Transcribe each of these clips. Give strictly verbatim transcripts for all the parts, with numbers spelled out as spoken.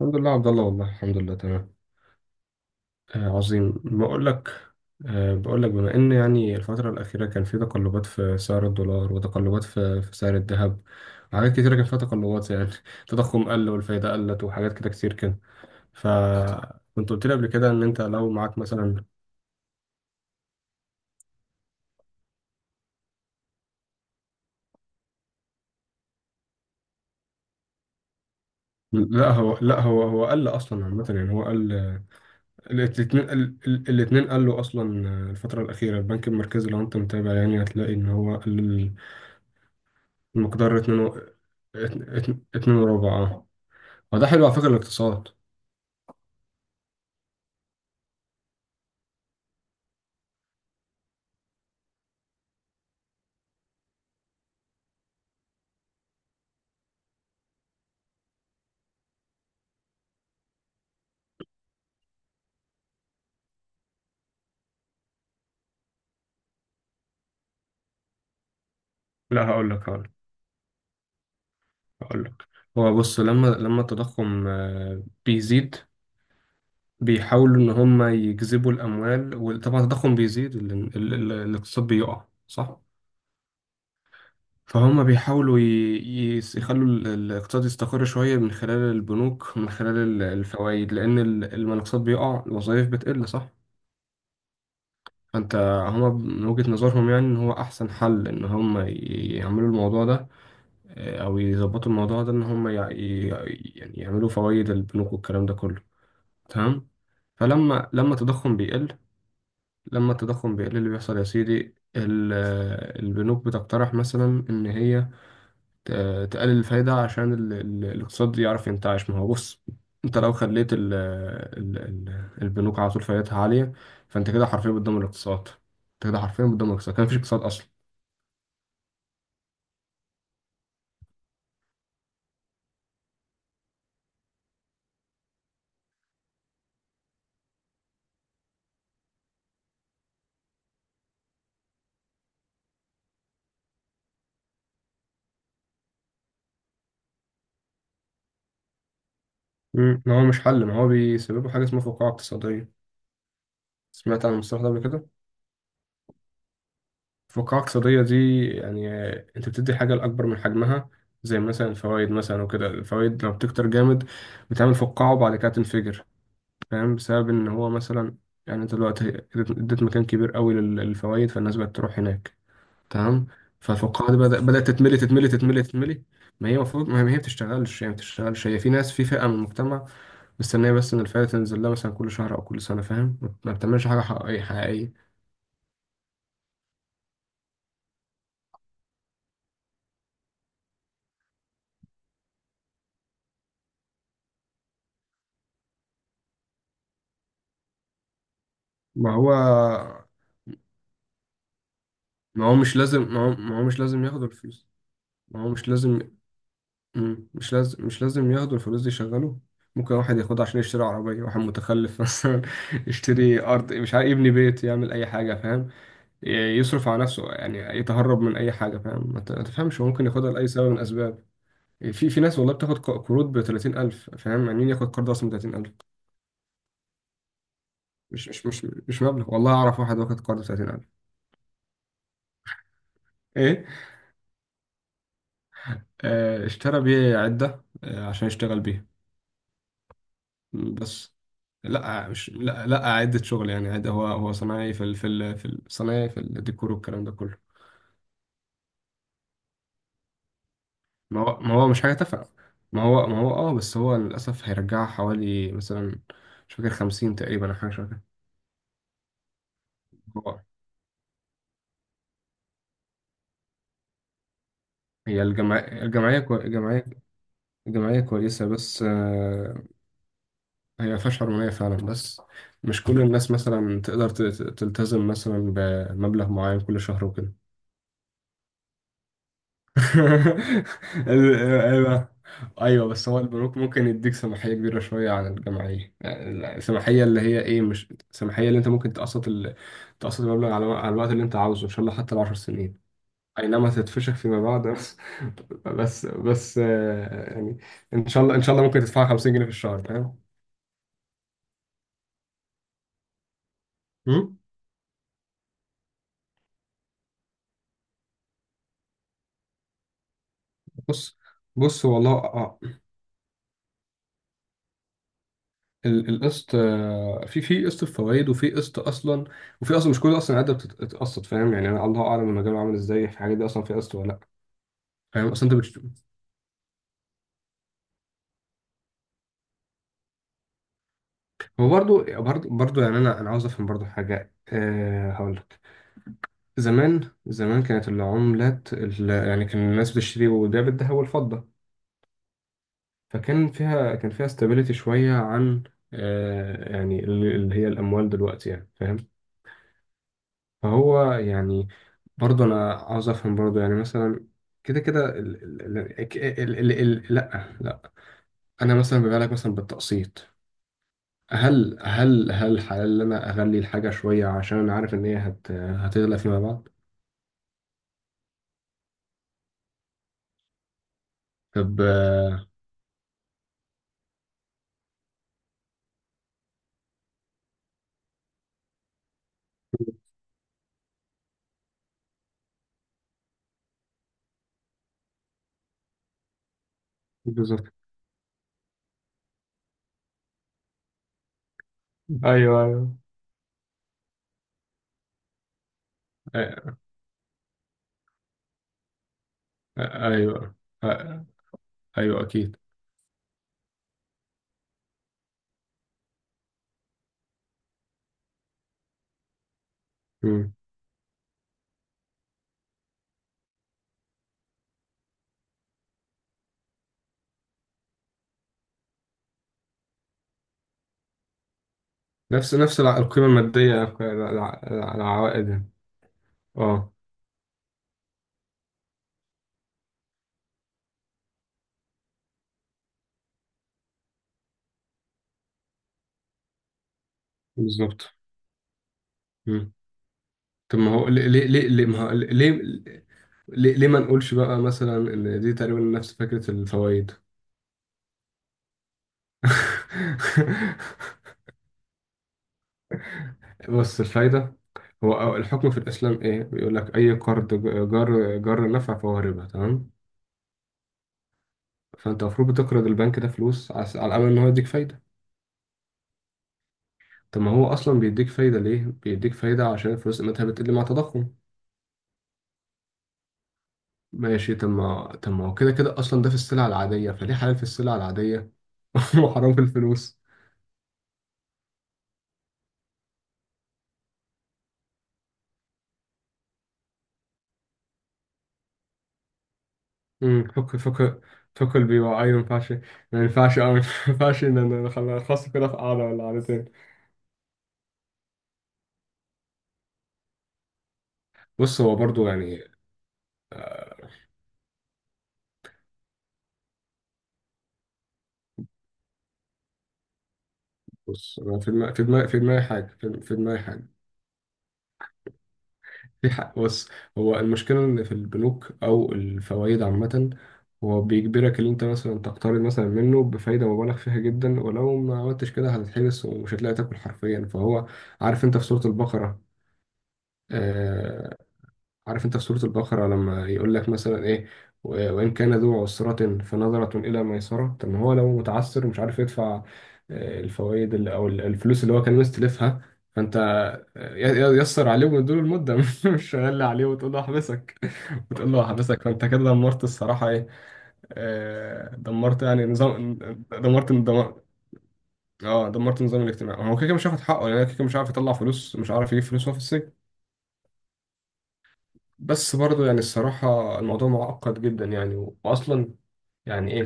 الحمد لله، عبد الله، والله الحمد لله، تمام. آه عظيم. بقول لك، آه بقول لك بما ان يعني الفترة الأخيرة كان في تقلبات في سعر الدولار، وتقلبات في في سعر الذهب، وحاجات كتيرة كان فيها تقلبات، يعني التضخم قل والفايدة قلت، وحاجات كده كتير كده. فكنت قلت لي قبل كده ان انت لو معاك مثلا. لا هو لا هو هو قل اصلا عامة، يعني هو قل. الاثنين. الاثنين قلوا اصلا. الفترة الأخيرة البنك المركزي لو انت متابع يعني هتلاقي ان هو قل المقدار اتنين و... اتن- اتن- اتنين وربع، اه. هو ده حلو على فكرة الاقتصاد. لا، هقول لك هقول لك هقول لك. هو بص، لما لما التضخم آه، بيزيد. بيحاولوا ان هم يجذبوا الاموال، وطبعا التضخم بيزيد ال... ال... ال... الاقتصاد بيقع، صح؟ فهم بيحاولوا ي... ي- يخلوا ال- الاقتصاد يستقر شوية من خلال البنوك، من خلال الفوائد، لأن ال- لما الاقتصاد بيقع الوظائف بتقل، صح؟ فانت، هما من وجهة نظرهم يعني ان هو احسن حل ان هما ي- يعملوا الموضوع ده، آه، او يظبطوا الموضوع ده ان هما يع- ي- يعني يعملوا فوائد البنوك والكلام ده كله. تمام. فلما لما التضخم بيقل، لما التضخم بيقل اللي بيحصل يا سيدي، ال- آه، البنوك بتقترح مثلا ان هي ت- تقلل الفايدة عشان ال- ال- الاقتصاد يعرف ينتعش. ما هو بص، انت لو خليت ال ال ال البنوك على طول فايدتها عالية، فانت كده حرفيا بتدمر الاقتصاد. انت كده حرفيا بتدمر الاقتصاد، كان مفيش اقتصاد اصلا. مم. ما هو مش حل، ما هو بيسببه حاجة اسمها فقاعة اقتصادية. سمعت عن المصطلح ده قبل كده؟ الفقاعة الاقتصادية دي يعني آه، انت بتدي حاجة لأكبر من حجمها، زي مثلا الفوائد مثلا وكده، الفوائد لو بتكتر جامد بتعمل فقاعة وبعد كده تنفجر، فاهم؟ بسبب ان هو مثلا، يعني انت دلوقتي اديت اديت مكان كبير قوي لل- للفوائد، فالناس بقت تروح هناك. تمام. فالفقاعة دي بدأ بدأت تتملي تتملي تتملي تتملي. ما هي المفروض ما هي بتشتغلش، هي ما بتشتغلش، هي في ناس، في فئة من المجتمع مستنية بس ان الفائدة تنزل لها مثلا كل شهر او كل سنة، فاهم؟ ما بتعملش حاجة حقيقية حقيقية. ما هو ما هو مش لازم ما هو, ما هو مش لازم ياخدوا الفلوس. ما هو مش لازم. مم. مش لازم مش لازم ياخدوا الفلوس دي يشغلوا. ممكن واحد ياخدها عشان يشتري عربية، واحد متخلف مثلا، يشتري أرض، مش عارف يبني بيت، يعمل أي حاجة، فاهم؟ ي- يصرف على نفسه، يعني يتهرب من أي حاجة، فاهم؟ ما ت- ما تفهمش، هو ممكن ياخدها لأي سبب من الأسباب. في في ناس والله بتاخد ق- قروض ب تلاتين ألف، فاهم؟ يعني مين ياخد قرض أصلا ب تلاتين ألف؟ مش مش مش مش مبلغ. والله أعرف واحد واخد قرض ب تلاتين ألف. إيه؟ آه، اشترى بيه عدة، آه، عشان يشتغل بيها. مم، بس. لا، مش، لا لا، عدة شغل يعني عادي، هو هو صنايعي في ال... في ال... في ال- صنايعي في الديكور والكلام ده كله. ما هو ما هو مش حاجة تافهة. ما هو ما هو، اه، بس هو للأسف هيرجعها حوالي مثلا، مش فاكر، خمسين تقريبا أو حاجة شبه كده. هو، هي الجمعية الجمعية كو... الجمعية الجمعية كويسة بس آه، هي ما فيهاش حرمانية فعلا، بس مش كل الناس مثلا تقدر ت- ت- تلتزم مثلا بمبلغ معين كل شهر وكده. ايوه، ايوه، بس هو البنوك ممكن يديك سماحيه كبيره شويه عن الجمعيه، يعني السماحيه اللي هي ايه، مش السماحيه اللي انت ممكن تقسط ال... تقسط المبلغ على... على الوقت اللي انت عاوزه، ان شاء الله حتى العشر سنين. اي نعم هتتفشخ فيما بعد، بس بس بس آه، يعني، ان شاء الله، ان شاء الله ممكن تدفع خمسين جنيه في الشهر، فاهم؟ مم؟ بص، بص والله ال- القسط، آه، في في قسط الفوائد وفي قسط اصلا، وفي اصلا مش كل اصلا قاعده بتتقسط، فاهم؟ يعني انا الله اعلم المجال عامل ازاي في الحاجات دي، اصلا في قسط ولا لا. فاهم اصلا انت بتش... هو برضو برضو برضو يعني، انا انا عاوز افهم برضو حاجه، أه هقول لك. زمان زمان كانت العملات ال... يعني كان الناس بتشتري وتبيع بالذهب والفضه، فكان فيها، كان فيها استابيليتي شويه عن أه، يعني ال- اللي هي الاموال دلوقتي، يعني فاهم. فهو يعني، برضه انا عاوز افهم برضه يعني مثلا، كده كده ال ال ال ال ال ال لا لا، انا مثلا بيبقى لك مثلا بالتقسيط. هل هل هل حلال ان انا اغلي الحاجه شويه عشان انا عارف ان هي هت هتغلى فيما بعد؟ طب. بالظبط. ايوه ايوه. أ- أ- ايوه. أ- ايوه اكيد. مم. نفس نفس الع- القيمه الماديه، الع- الع- العوائد. اه، بالظبط. طب ما هو ليه ليه ليه ليه- ما هو ليه، ليه, ليه ما نقولش بقى مثلا ان دي تقريبا نفس فكرة الفوائد؟ بص الفايدة، هو أو- الحكم في الإسلام إيه؟ بيقول لك أي قرض ج- جر جر نفع فهو ربا، تمام؟ فأنت المفروض بتقرض البنك ده فلوس عس- على أمل إن هو يديك فايدة. طب ما هو أصلا بيديك فايدة ليه؟ بيديك فايدة عشان الفلوس قيمتها بتقل مع التضخم. ماشي، طب ما طب ما هو كده كده أصلا، ده في السلع العادية، فليه حلال في السلع العادية وحرام في الفلوس؟ امم، فك فك فك بيبقى اي ما ينفعش، ما ينفعش، أو ما ينفعش ان انا خلاص، خلاص كده في قعده ولا قعدتين. بص، هو برضو يعني، بص أنا في دماغي، في دماغي في دماغي حاجه، في في دماغي حاجه، في حق. بص، هو المشكله ان في البنوك او الفوائد عامه، هو بيجبرك ان انت مثلا تقترض مثلا منه بفايده مبالغ فيها جدا، ولو ما عملتش كده هتتحبس ومش هتلاقي تاكل حرفيا. فهو، عارف انت في سوره البقره، آه، عارف انت في سورة البقرة لما يقول لك مثلا ايه، و- وإن كان ذو عسرة فنظرة إلى ميسرة. طب ما هو لو متعسر ومش عارف يدفع آه، الفوائد اللي- أو ال- الفلوس اللي هو كان مستلفها، فأنت آه، ي- ي- يسر عليه ومديله المدة، مش غالي عليه، وتقول له أحبسك، وتقول له أحبسك، فأنت كده دمرت الصراحة ايه، آه، دمرت يعني نظام، دمرت دمرت، اه، دمرت النظام الاجتماعي. هو كده كده مش هياخد حقه، لان يعني كده كده مش عارف يطلع فلوس، مش عارف يجيب فلوس وهو في السجن. بس برضو يعني الصراحة الموضوع معقد جدا يعني، و- وأصلا يعني إيه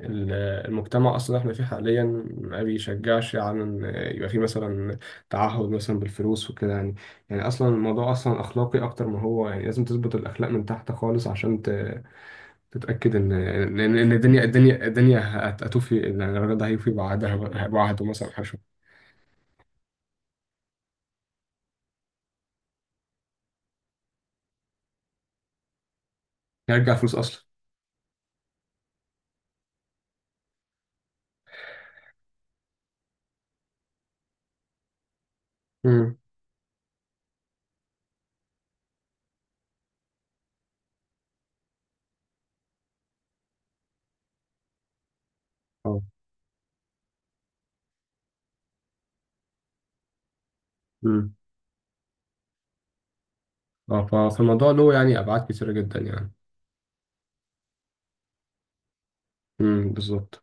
ال- المجتمع أصلا إحنا فيه حاليا ما بيشجعش على إن يبقى فيه مثلا تعهد مثلا بالفلوس وكده يعني. يعني أصلا الموضوع أصلا أخلاقي أكتر ما هو، يعني لازم تظبط الأخلاق من تحت خالص عشان ت- تتأكد إن إن إن الدنيا الدنيا الدنيا هت- هتوفي، يعني الراجل ده هيوفي بعدها، بعده مثلا حاجة، هيرجع فلوس أصلا. امم، اه، امم، اه. ف- فالموضوع له يعني أبعاد كتيرة جدا يعني. امم، بالظبط.